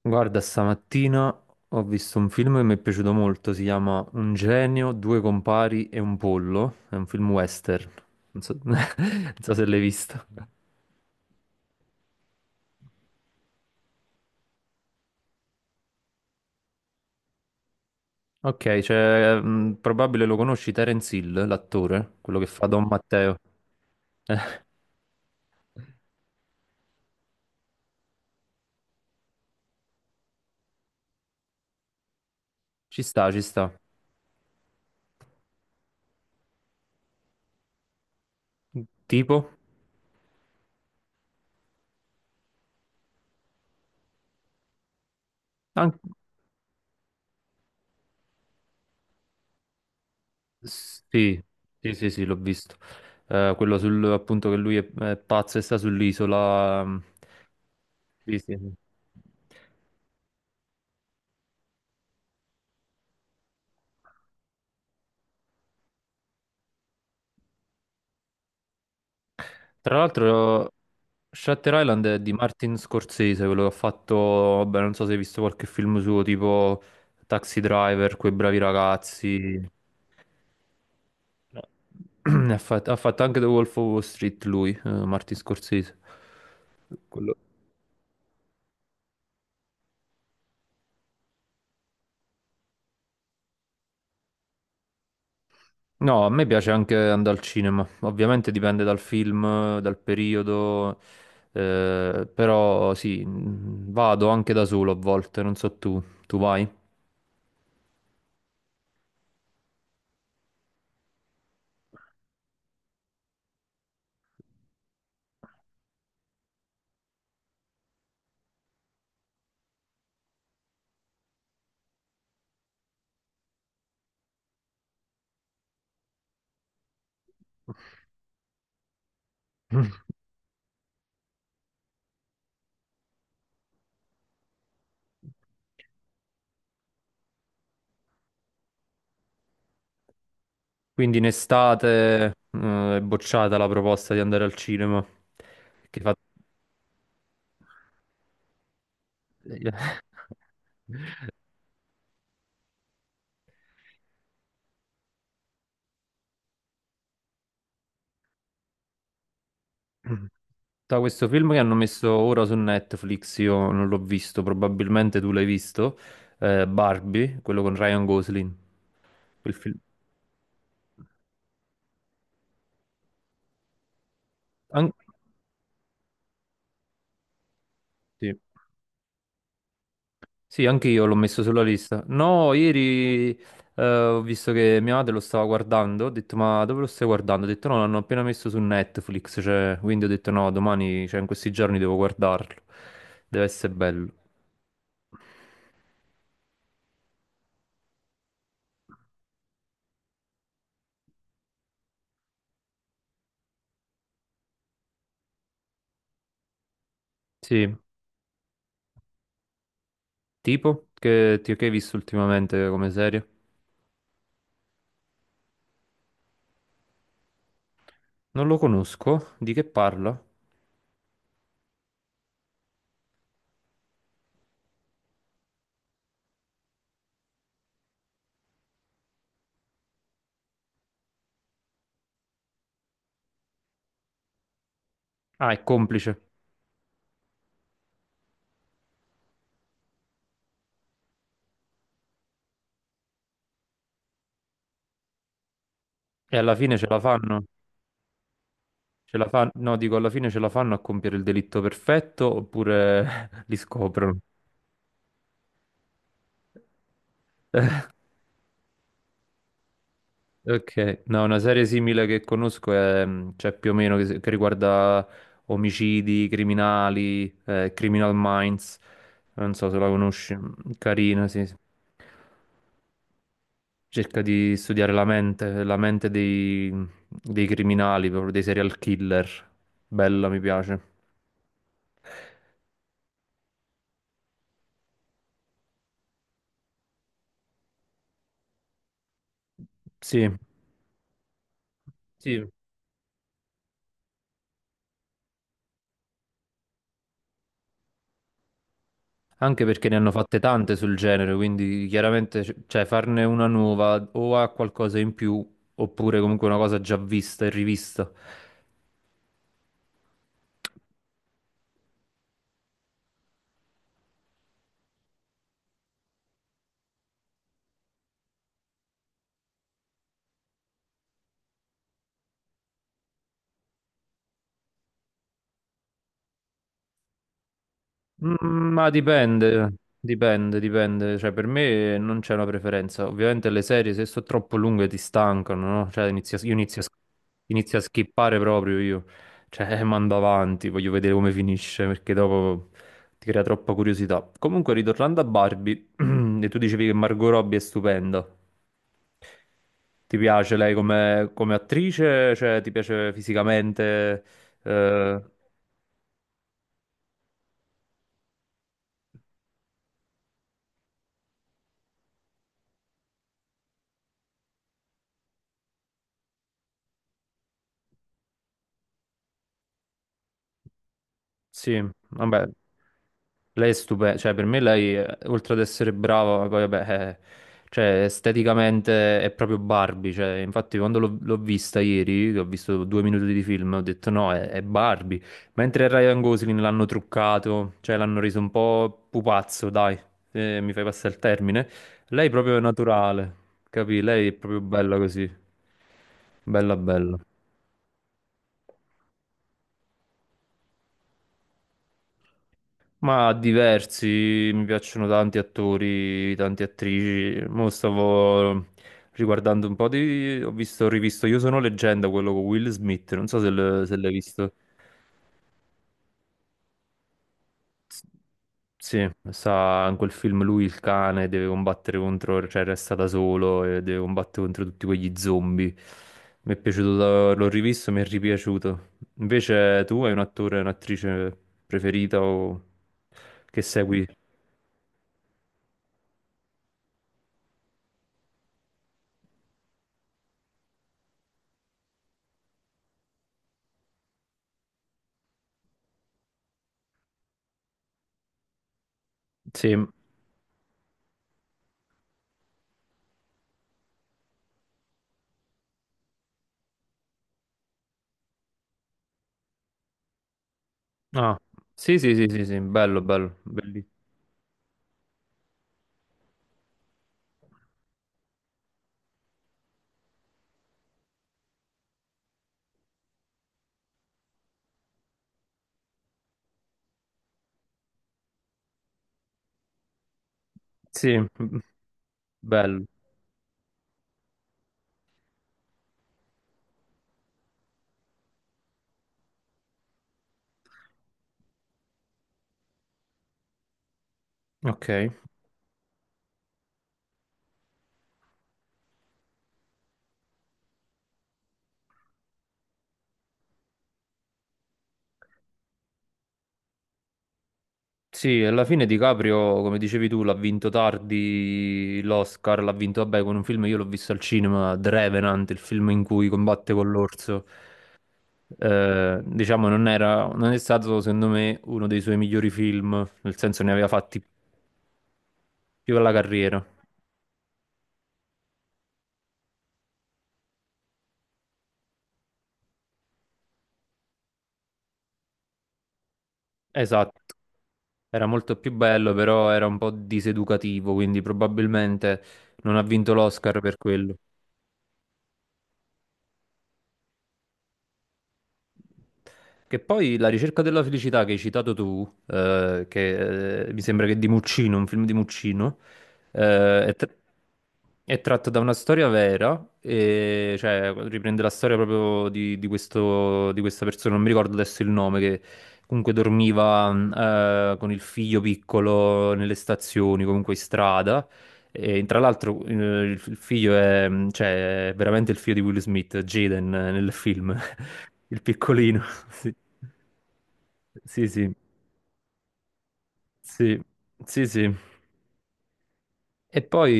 Guarda, stamattina ho visto un film che mi è piaciuto molto, si chiama Un genio, due compari e un pollo, è un film western, non so, non so se l'hai visto. Ok, cioè, probabile lo conosci Terence Hill, l'attore, quello che fa Don Matteo. Eh, Ci sta, ci sta. Tipo? An- sì, sì, sì, sì, l'ho visto. Quello sul, appunto che lui è pazzo e sta sull'isola. Sì, sì. Tra l'altro, Shutter Island è di Martin Scorsese, quello che ha fatto, vabbè, non so se hai visto qualche film suo, tipo Taxi Driver, Quei bravi ragazzi. No. Ne ha fatto anche The Wolf of Wall Street lui, Martin Scorsese. Quello- No, a me piace anche andare al cinema. Ovviamente dipende dal film, dal periodo, però sì, vado anche da solo a volte, non so tu, vai? Quindi in estate, è bocciata la proposta di andare al cinema. Che fa... Da questo film che hanno messo ora su Netflix, io non l'ho visto, probabilmente tu l'hai visto, Barbie, quello con Ryan Gosling. Quel film. An- sì. Sì, anche io l'ho messo sulla lista. No, ieri ho visto che mia madre lo stava guardando, ho detto ma dove lo stai guardando? Ho detto no, l'hanno appena messo su Netflix, cioè, quindi ho detto no, domani, cioè in questi giorni devo guardarlo. Deve essere bello. Sì, tipo che, che hai visto ultimamente come serie? Non lo conosco, di che parla? Ah, è complice. E alla fine ce la fanno? Ce la fanno? No, dico alla fine ce la fanno a compiere il delitto perfetto oppure li scoprono? Ok, no, una serie simile che conosco è, cioè più o meno che riguarda omicidi, criminali, Criminal Minds, non so se la conosci, carina, sì, sì. Cerca di studiare la mente dei, dei criminali, proprio dei serial killer, bella, mi piace. Sì, sì, anche perché ne hanno fatte tante sul genere, quindi chiaramente cioè, farne una nuova o ha qualcosa in più oppure comunque una cosa già vista e rivista. Ma dipende, dipende, dipende. Cioè, per me non c'è una preferenza. Ovviamente le serie, se sono troppo lunghe, ti stancano, no? Cioè, inizio, io inizio a, inizio a skippare proprio io. Cioè, mando avanti, voglio vedere come finisce, perché dopo ti crea troppa curiosità. Comunque, ritornando a Barbie, e tu dicevi che Margot Robbie è stupenda. Ti piace lei come, come attrice? Cioè, ti piace fisicamente? Eh, Sì, vabbè, lei è stupenda, cioè per me lei, oltre ad essere brava, poi vabbè, cioè esteticamente è proprio Barbie, cioè infatti quando l'ho vista ieri, che ho visto 2 minuti di film, ho detto no, è Barbie, mentre Ryan Gosling l'hanno truccato, cioè l'hanno reso un po' pupazzo, dai, se mi fai passare il termine, lei proprio è naturale, capì? Lei è proprio bella così, bella bella. Ma diversi, mi piacciono tanti attori, tante attrici. Mo stavo riguardando un po' di... Ho visto, ho rivisto Io sono leggenda, quello con Will Smith, non so se l'hai visto. S- Sì, sa, in quel film lui il cane deve combattere contro, cioè resta da solo e deve combattere contro tutti quegli zombie. Mi è piaciuto, l'ho rivisto, mi è ripiaciuto. Invece tu hai un attore, un'attrice preferita o che segui? Sì. Ah, sì, sì, sì, sì, sì, bello, bello, bellissimo. Sì, bello. Ok. Sì, alla fine DiCaprio, come dicevi tu, l'ha vinto tardi l'Oscar, l'ha vinto, vabbè, con un film, io l'ho visto al cinema, The Revenant, il film in cui combatte con l'orso. Diciamo, non era, non è stato, secondo me, uno dei suoi migliori film, nel senso ne aveva fatti più alla carriera. Esatto, era molto più bello, però era un po' diseducativo, quindi probabilmente non ha vinto l'Oscar per quello. Che poi La ricerca della felicità che hai citato tu, che mi sembra che è di Muccino, un film di Muccino, eh, è, tra- è tratto da una storia vera, e, cioè riprende la storia proprio di, di questa persona, non mi ricordo adesso il nome, che comunque dormiva con il figlio piccolo nelle stazioni, comunque in strada. E tra l'altro il figlio è, cioè, è veramente il figlio di Will Smith, Jaden, nel film, il piccolino. Sì, sì, sì, sì, sì. Sì. E poi,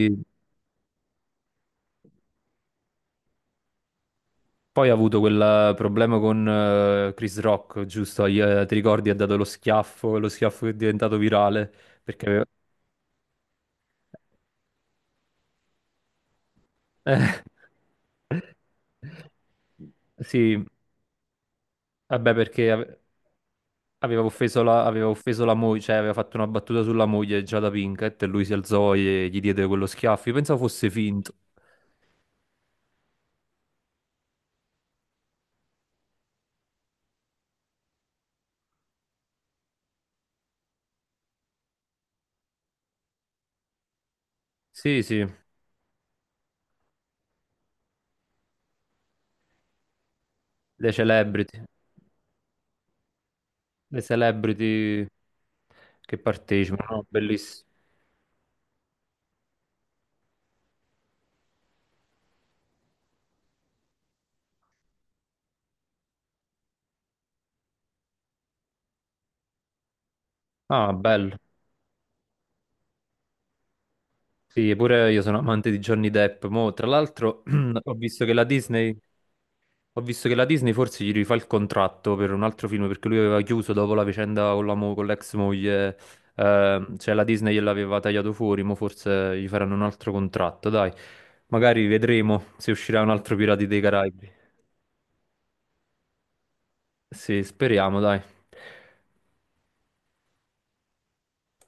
poi ha avuto quel problema con Chris Rock, giusto? Gli, ti ricordi, ha dato lo schiaffo che è diventato virale, perché aveva... Eh. Sì, vabbè, perché aveva offeso la moglie, cioè aveva fatto una battuta sulla moglie già da Pinkett e lui si alzò e gli diede quello schiaffo. Io pensavo fosse finto. Sì, sì, le celebrity, le celebrity che partecipano, no, bellissimo. Ah, bello. Sì, pure io sono amante di Johnny Depp. Mo, tra l'altro, ho visto che la Disney Ho visto che la Disney forse gli rifà il contratto per un altro film perché lui aveva chiuso dopo la vicenda con la con l'ex moglie, cioè la Disney gliel'aveva tagliato fuori, ma forse gli faranno un altro contratto, dai. Magari vedremo se uscirà un altro Pirati dei Caraibi. Sì, speriamo, dai.